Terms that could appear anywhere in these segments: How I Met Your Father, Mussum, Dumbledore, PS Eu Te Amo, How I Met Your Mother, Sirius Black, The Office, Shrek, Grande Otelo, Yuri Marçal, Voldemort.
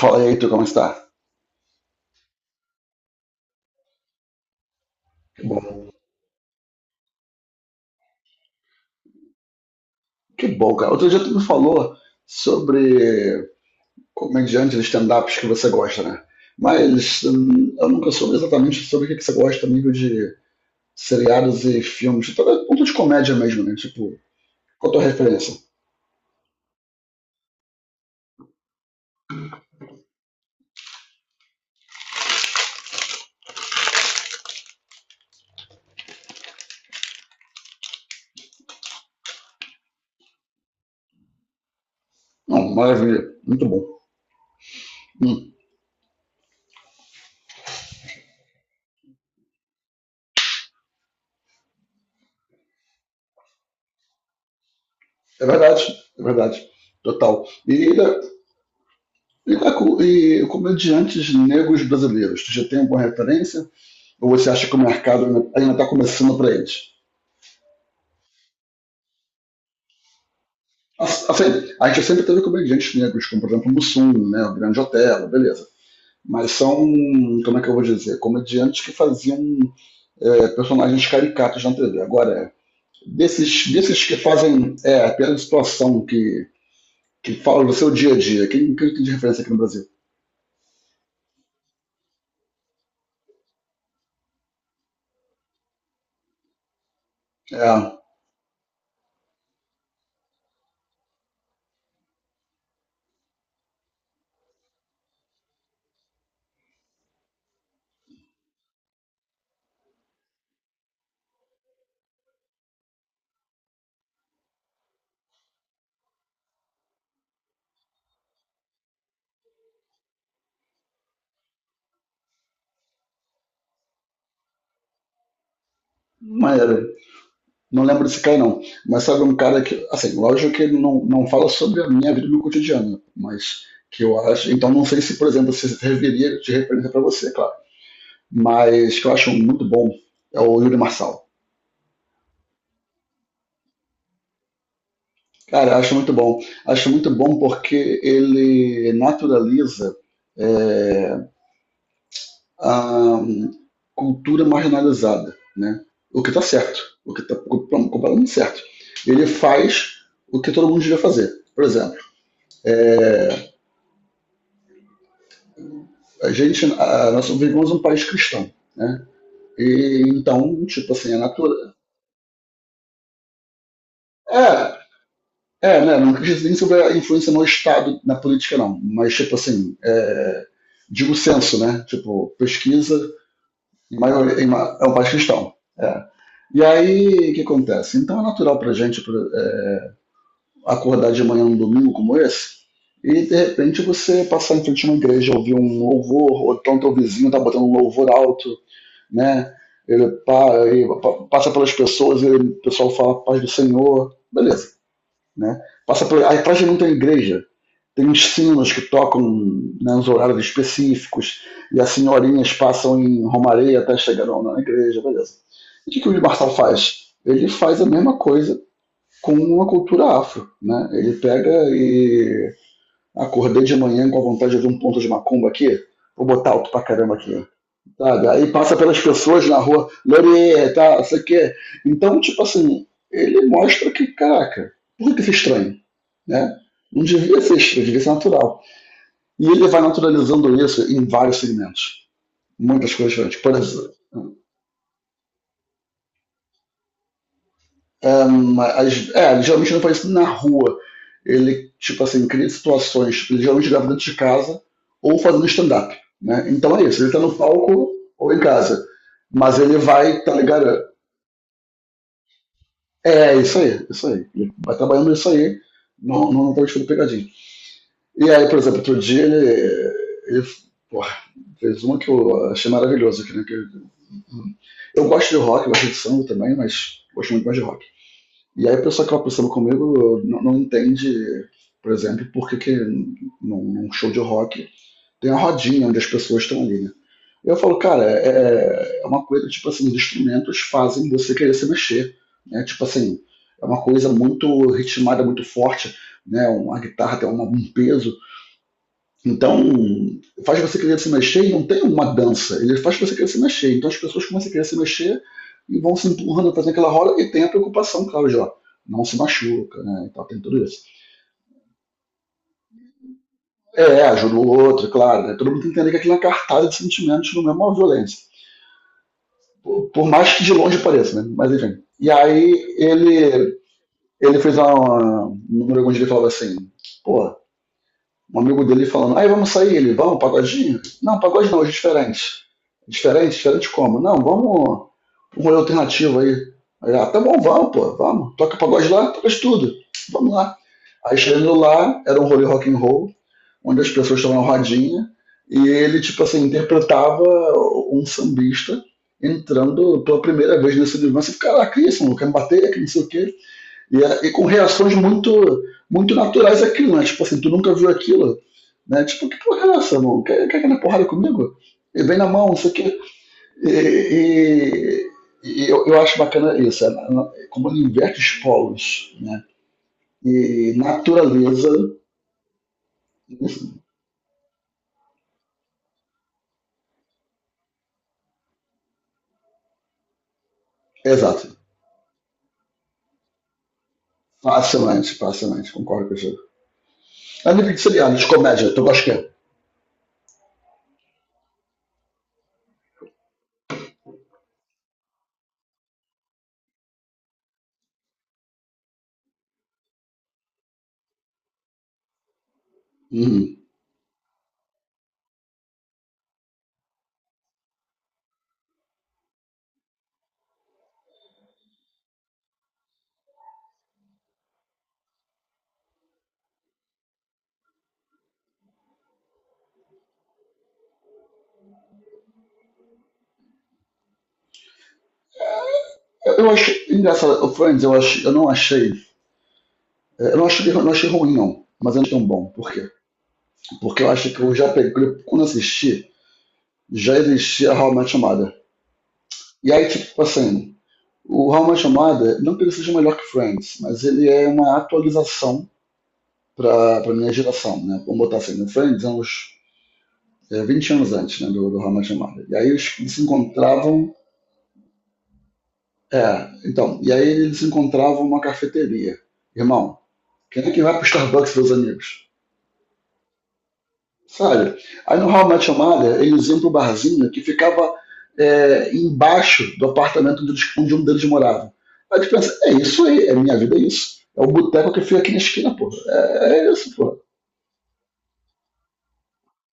Fala aí, tu, como está? Que bom. Que bom, cara. Outro dia tu me falou sobre comediantes de stand-ups que você gosta, né? Mas eu nunca soube exatamente sobre o que que você gosta a nível de seriados e filmes. Então, é ponto de comédia mesmo, né? Tipo, qual a tua referência? Não, maravilha. Muito bom. Hum, é verdade, é verdade. Total. E, e comediantes negros brasileiros, tu já tem alguma referência? Ou você acha que o mercado ainda está começando para eles? Assim, a gente sempre teve comediantes negros, como por exemplo o Mussum, né, o Grande Otelo, beleza. Mas são, como é que eu vou dizer, comediantes que faziam personagens caricatos na TV. Agora, desses que fazem apenas situação que fala do seu dia a dia, quem tem de referência aqui no Brasil? É, não era. Não lembro desse cara, não. Mas sabe um cara que, assim, lógico que ele não fala sobre a minha vida no cotidiano, mas que eu acho. Então não sei se, por exemplo, se serviria de referência para você, claro, mas que eu acho muito bom é o Yuri Marçal. Cara, eu acho muito bom. Acho muito bom porque ele naturaliza é, a cultura marginalizada, né? O que tá certo, o que tá completamente certo. Ele faz o que todo mundo devia fazer. Por exemplo, é, nós vivemos um país cristão, né? E então, tipo assim, a natureza. É, é, né? Não acredito nem sobre a influência no Estado, na política, não. Mas, tipo assim, digo censo, né? Tipo, pesquisa, em maioria, é um país cristão. É. E aí, o que acontece? Então é natural pra gente pra, é, acordar de manhã num domingo como esse e, de repente, você passar em frente a uma igreja, ouvir um louvor, ou então teu vizinho tá botando um louvor alto, né? Ele passa pelas pessoas, ele- o pessoal fala paz do Senhor, beleza, né? Passa por, aí atrás de mim tem uma igreja, tem sinos que tocam nos horários específicos, e as senhorinhas passam em Romareia até chegar na igreja, beleza. E o que, que o Marçal faz? Ele faz a mesma coisa com uma cultura afro, né? Ele pega e acordei de manhã com a vontade de ouvir um ponto de macumba aqui, vou botar alto pra caramba aqui, sabe? Aí passa pelas pessoas na rua, Lore, tá, sei o quê. Então, tipo assim, ele mostra que, caraca, por que isso é estranho, né? Não devia ser estranho, devia ser natural. E ele vai naturalizando isso em vários segmentos. Muitas coisas diferentes. Por exemplo, ele geralmente não faz isso na rua. Ele, tipo assim, cria situações. Tipo, ele geralmente grava dentro de casa ou fazendo stand-up. Né? Então é isso. Ele tá no palco ou em casa. Mas ele vai, tá ligado? É, é isso aí, isso aí. Ele vai trabalhando isso aí. Não, não tá tipo pegadinha. E aí, por exemplo, outro dia ele porra, fez uma que eu achei maravilhosa, que, né, que eu gosto de rock, gosto de samba também, mas gosto muito mais de rock. E aí a pessoa que ela samba comigo não entende, por exemplo, por que, que num, num show de rock tem a rodinha onde as pessoas estão ali, né? Eu falo, cara, é uma coisa, tipo assim, os instrumentos fazem você querer se mexer, né? Tipo assim, é uma coisa muito ritmada, muito forte, né? Uma guitarra tem um peso então, faz você querer se mexer e não tem uma dança, ele faz você querer se mexer. Então as pessoas começam a querer se mexer e vão se empurrando, fazendo aquela roda e tem a preocupação, claro, de ó, não se machuca, né? Então tem tudo isso. É, ajuda o outro, é claro. Né? Todo mundo tem que entender que aquilo é uma cartada de sentimentos, não é uma violência. Por mais que de longe pareça, né? Mas enfim. E aí ele, ele fez um número onde ele falava assim, pô, um amigo dele falando, aí vamos sair, ele, vamos, pagodinho? Não, pagode não, hoje é diferente. "É diferente? Diferente como? Não, vamos um rolê alternativo aí. Aí ah, tá bom, vamos, pô, vamos. Toca pagode lá, toca de tudo. Vamos lá. Aí chegando lá, era um rolê rock and roll, onde as pessoas estavam na rodinha, e ele, tipo assim, interpretava um sambista entrando pela primeira vez nesse universo. Caraca, isso, não quer me bater, que não sei o quê. E com reações muito naturais aquilo, né? Tipo assim, tu nunca viu aquilo, né? Tipo, que porra é essa, mano? Quer aquela porrada comigo? E vem na mão, isso aqui. E, eu acho bacana isso, como ele inverte os polos, né? E naturaliza. Exato. Facilmente, facilmente, concordo com você. A nível de seriado, de comédia, tu gosta que uhum. Eu acho engraçado, o Friends, eu não achei. Eu não achei, eu não achei ruim, não, mas eu não achei tão bom. Por quê? Porque eu acho que eu já peguei, quando assisti, já existia How I Met Your Mother. E aí, tipo, assim, o How I Met Your Mother, não que ele seja melhor que Friends, mas ele é uma atualização pra minha geração, né? Vamos botar assim, no Friends é uns 20 anos antes, né, do How I Met Your Mother. E aí eles se encontravam, é, então, e aí eles se encontravam numa cafeteria. Irmão, quem é que vai pro Starbucks, meus amigos? Sabe? Aí no How I Met Your Mother, eles iam pro barzinho que ficava embaixo do apartamento deles- onde um deles morava. Aí tu pensa, é isso aí, é minha vida, é isso. É o boteco que fica aqui na esquina, pô. É, é isso, pô.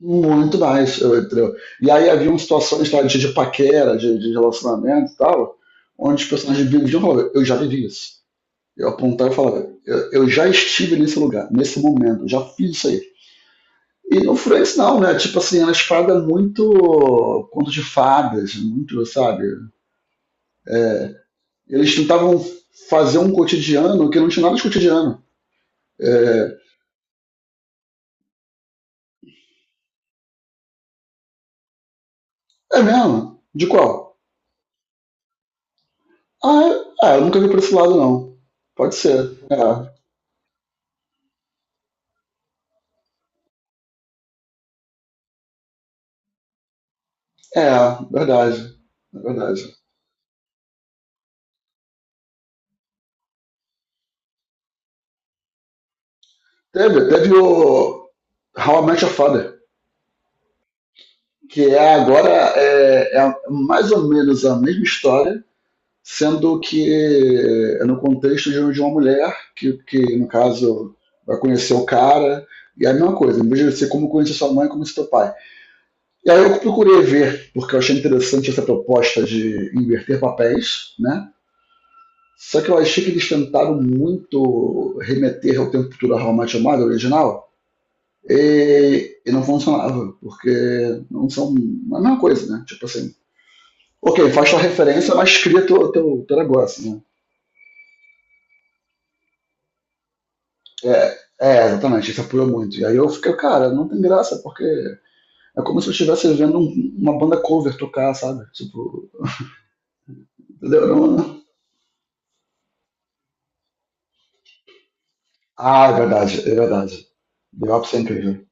Muito nice, eu- entendeu? E aí haviam situações tá, de paquera, de relacionamento e tal, onde os personagens viviam e falavam, eu já vivi isso. Eu apontava e falava, eu já estive nesse lugar, nesse momento, já fiz isso aí. E no Friends não, né? Tipo assim, elas pagam muito conto de fadas, muito, sabe? Eles tentavam fazer um cotidiano que não tinha nada de cotidiano. É mesmo? De qual? Ah, eu nunca vi por esse lado, não. Pode ser. É, é verdade. É verdade. Teve, teve o How I Met Your Father, que é agora é mais ou menos a mesma história, sendo que é no contexto de uma mulher, que no caso vai conhecer o cara, e é a mesma coisa, em vez de ser como conhecer sua mãe, como conhecer seu pai. E aí eu procurei ver, porque eu achei interessante essa proposta de inverter papéis, né? Só que eu achei que eles tentaram muito remeter ao tempo futuro How Much Mother original, e não funcionava, porque não são a mesma coisa, né? Tipo assim, ok, faz tua referência, mas cria teu negócio, né? Exatamente, isso apurou muito. E aí eu fiquei, cara, não tem graça, porque é como se eu estivesse vendo um- uma banda cover tocar, sabe? Tipo, entendeu? Não- Ah, é verdade, é verdade. The Ops é incrível.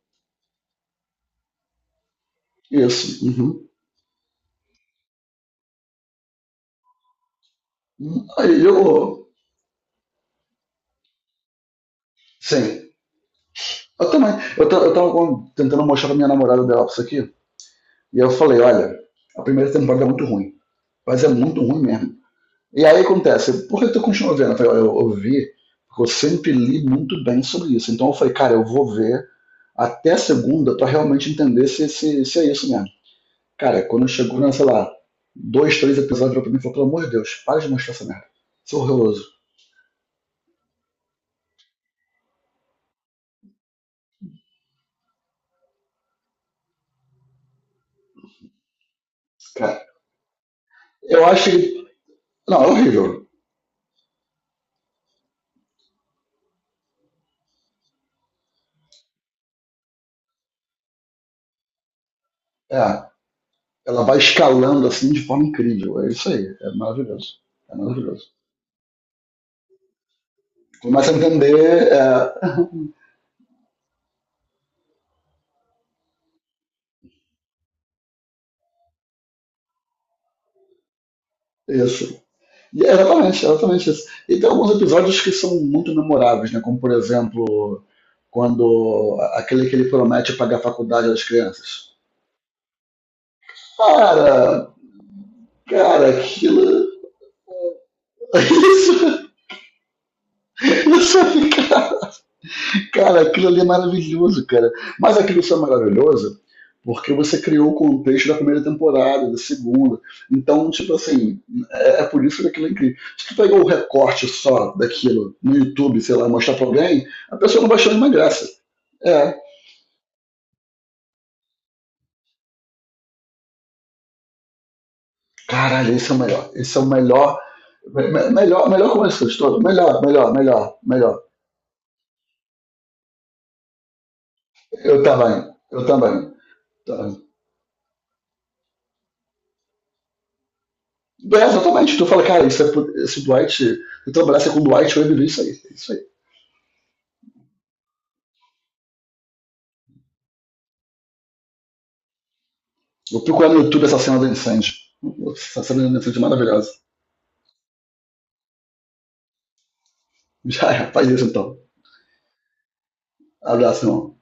Isso, uhum. Aí eu, sim, eu também. Eu, ta- eu tava com- tentando mostrar pra minha namorada The Ops aqui, e eu falei, olha, a primeira temporada é muito ruim, mas é muito ruim mesmo. E aí acontece, por que tu continua vendo? Eu falei, olha, eu ouvi, porque eu sempre li muito bem sobre isso. Então eu falei, cara, eu vou ver até segunda pra realmente entender se é isso mesmo. Cara, quando chegou, na, sei lá, dois, três episódios virou pra mim, eu falei, pelo amor de Deus, para de mostrar essa merda. Isso é horroroso. Cara, eu acho que. Não, é horrível. É, ela vai escalando assim de forma incrível. É isso aí, é maravilhoso. É maravilhoso. Começa a entender é, isso. E é exatamente isso. E tem alguns episódios que são muito memoráveis, né? Como por exemplo, quando aquele que ele promete pagar a faculdade das crianças. Cara, cara, aquilo. Isso é ficar cara, aquilo ali é maravilhoso, cara. Mas aquilo só é maravilhoso porque você criou o contexto da primeira temporada, da segunda. Então, tipo assim, é por isso que aquilo é incrível. Se tu pegar o recorte só daquilo no YouTube, sei lá, mostrar pra alguém, a pessoa não vai achar nenhuma graça. É. Caralho, esse é o melhor. Esse é o melhor. Melhor, melhor começo de todo. Melhor, melhor, melhor, melhor. Eu também. Eu também. Tá, é, exatamente. Tu fala, cara, isso é, pu- esse Dwight. Se tu trabalhasse com o Dwight, eu ia viver isso aí. É isso aí. Vou procurar no YouTube essa cena do incêndio. Essa cena do incêndio é maravilhosa. Já é, faz isso então. Abraço, irmão.